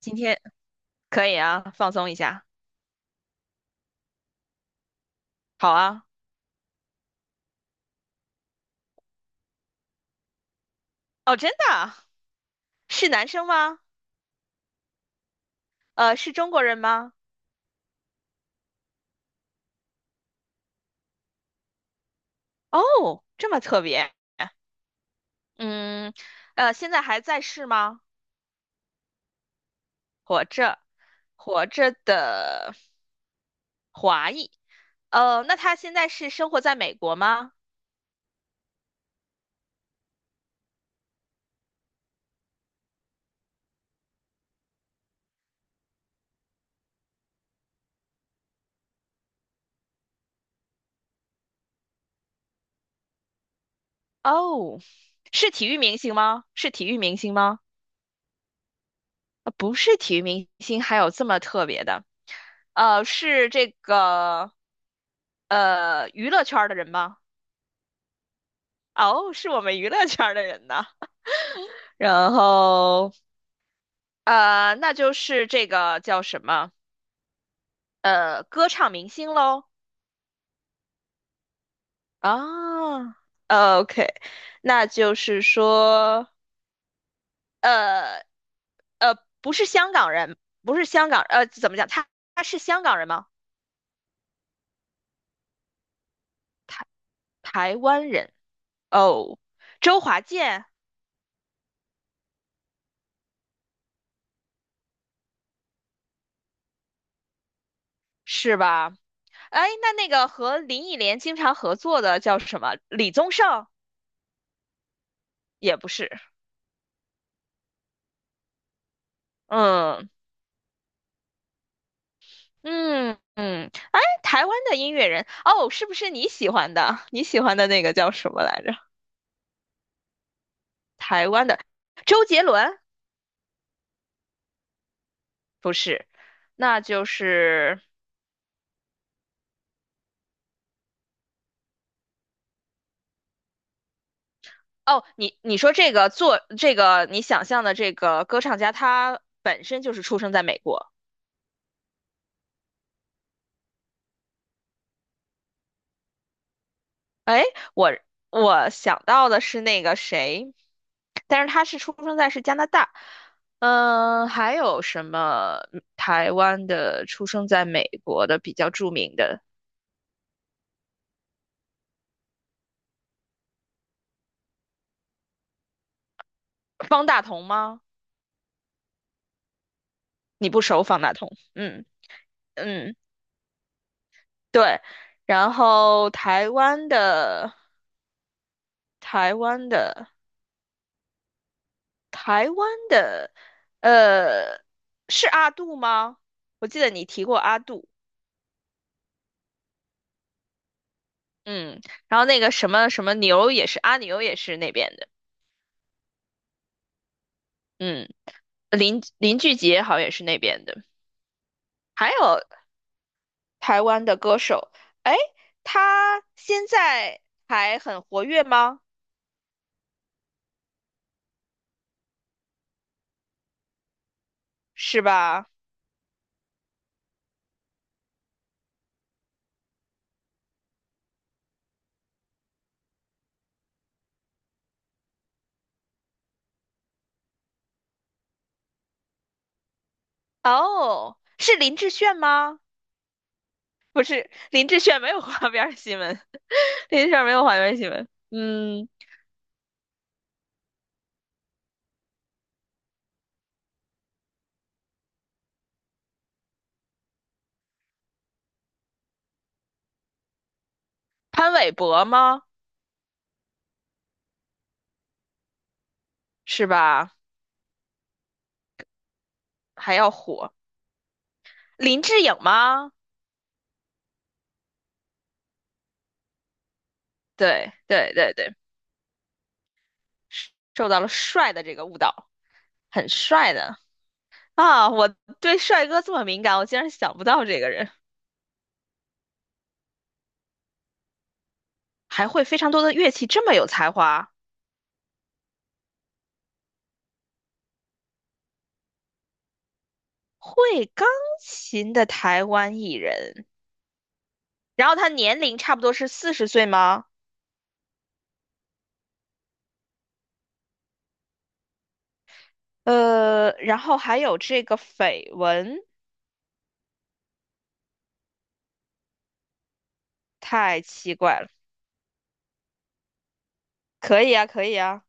今天可以啊，放松一下。好啊。哦，真的啊？是男生吗？是中国人吗？哦，这么特别。嗯。现在还在世吗？活着，活着的华裔。那他现在是生活在美国吗？哦，是体育明星吗？是体育明星吗？不是体育明星，还有这么特别的。是这个娱乐圈儿的人吗？哦，是我们娱乐圈儿的人呢。然后，那就是这个叫什么？歌唱明星喽。啊，OK，那就是说，呃呃，不是香港人，不是香港，怎么讲？他是香港人吗？台台湾人。哦，周华健是吧？哎，那个和林忆莲经常合作的叫什么？李宗盛也不是。嗯嗯嗯，哎，台湾的音乐人哦，是不是你喜欢的？你喜欢的那个叫什么来着？台湾的周杰伦不是，那就是。哦，你说这个做这个你想象的这个歌唱家，他本身就是出生在美国。哎，我我想到的是那个谁，但是他是出生在是加拿大。嗯，还有什么台湾的出生在美国的比较著名的？方大同吗？你不熟方大同？嗯嗯，对。然后台湾的台湾的台湾的，呃，是阿杜吗？我记得你提过阿杜。嗯，然后那个什么什么牛也是阿牛也是那边的。嗯，林俊杰好像也是那边的。还有台湾的歌手，哎，他现在还很活跃吗？是吧？哦，是林志炫吗？林志炫没有花边儿新闻。林志炫没有花边儿新闻。嗯，潘玮柏吗？是吧？还要火，林志颖吗？对对对对，受到了帅的这个误导，很帅的啊！我对帅哥这么敏感，我竟然想不到这个人还会非常多的乐器，这么有才华，会钢琴的台湾艺人，然后他年龄差不多是40岁吗？然后还有这个绯闻，太奇怪了。可以啊，可以啊。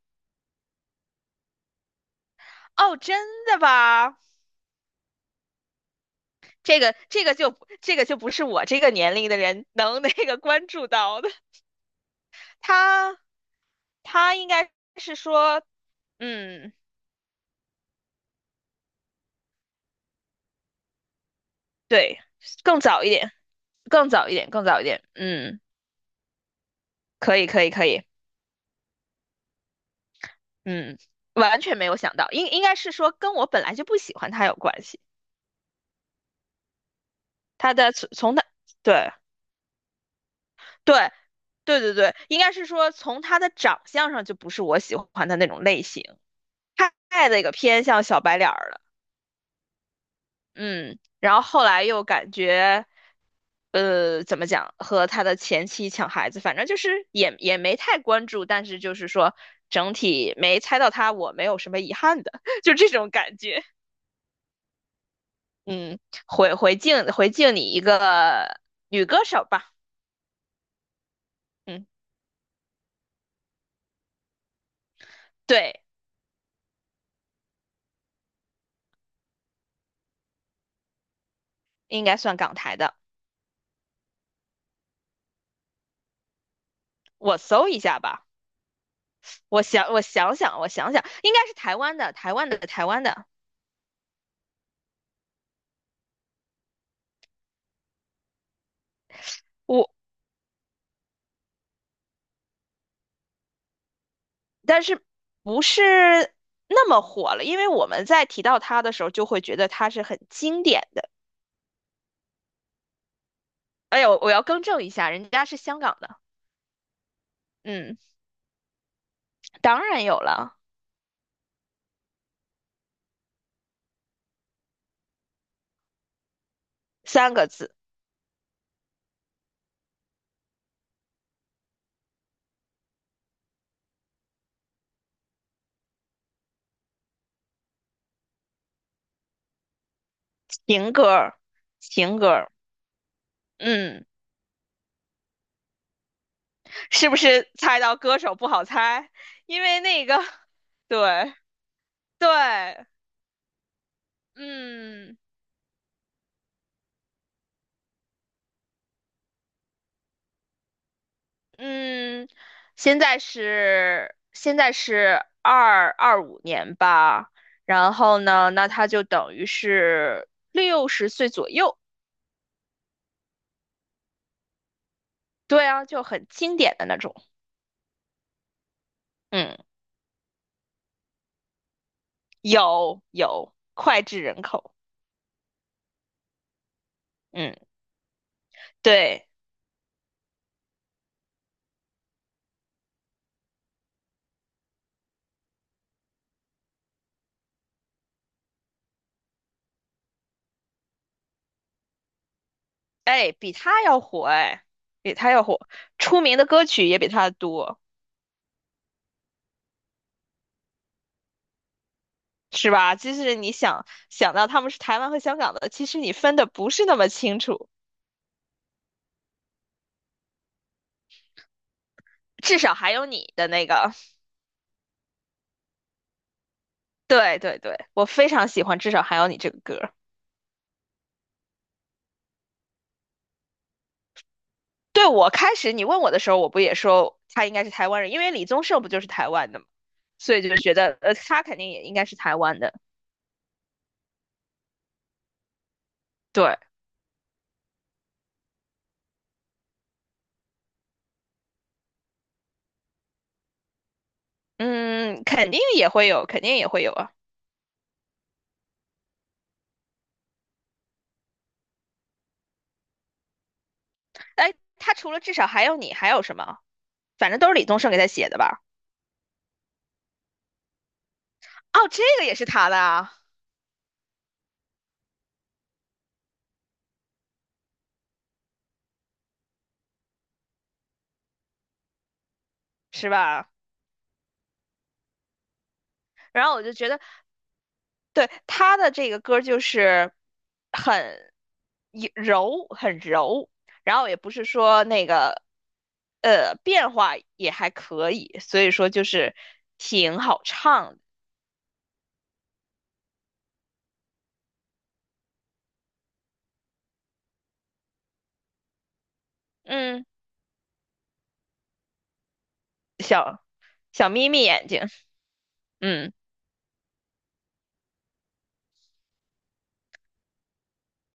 哦，真的吧？这个这个就不这个就不是我这个年龄的人能那个关注到的。他他应该是说，嗯，对，更早一点，更早一点，更早一点。嗯，可以，可以，可以。嗯，完全没有想到，应该是说跟我本来就不喜欢他有关系。他的从他。对。对，对对对，应该是说从他的长相上就不是我喜欢的那种类型，太那个偏向小白脸儿了。嗯，然后后来又感觉，怎么讲，和他的前妻抢孩子，反正就是也没太关注，但是就是说整体没猜到他，我没有什么遗憾的，就这种感觉。嗯，回敬你一个女歌手吧。嗯，对，应该算港台的，我搜一下吧。我想想，我想想，应该是台湾的，台湾的，台湾的。我但是不是那么火了，因为我们在提到他的时候，就会觉得他是很经典的。哎呦，我要更正一下，人家是香港的。嗯，当然有了，三个字，情歌儿。情歌儿。嗯，是不是猜到歌手不好猜？因为那个，对对，嗯。嗯，现在是二二五年吧，然后呢，那他就等于是60岁左右，对啊，就很经典的那种，嗯，有脍炙人口，嗯，对，哎，比他要火，哎，比他要火，出名的歌曲也比他多，是吧？就是你想到他们是台湾和香港的，其实你分的不是那么清楚，至少还有你的那个。对对对，我非常喜欢，至少还有你这个歌。对，我开始你问我的时候，我不也说他应该是台湾人，因为李宗盛不就是台湾的嘛，所以就觉得他肯定也应该是台湾的。对，嗯，肯定也会有，肯定也会有啊。哎，他除了至少还有你，还有什么？反正都是李宗盛给他写的吧？哦，这个也是他的啊，是吧？然后我就觉得对，他的这个歌儿就是很很柔，然后也不是说那个变化也还可以，所以说就是挺好唱的。嗯，小小眯眯眼睛，嗯，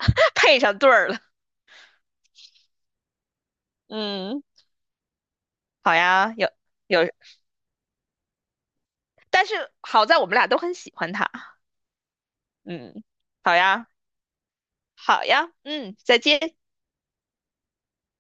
配上对儿了。嗯，好呀，有有，但是好在我们俩都很喜欢他。嗯，好呀，好呀，嗯，再见。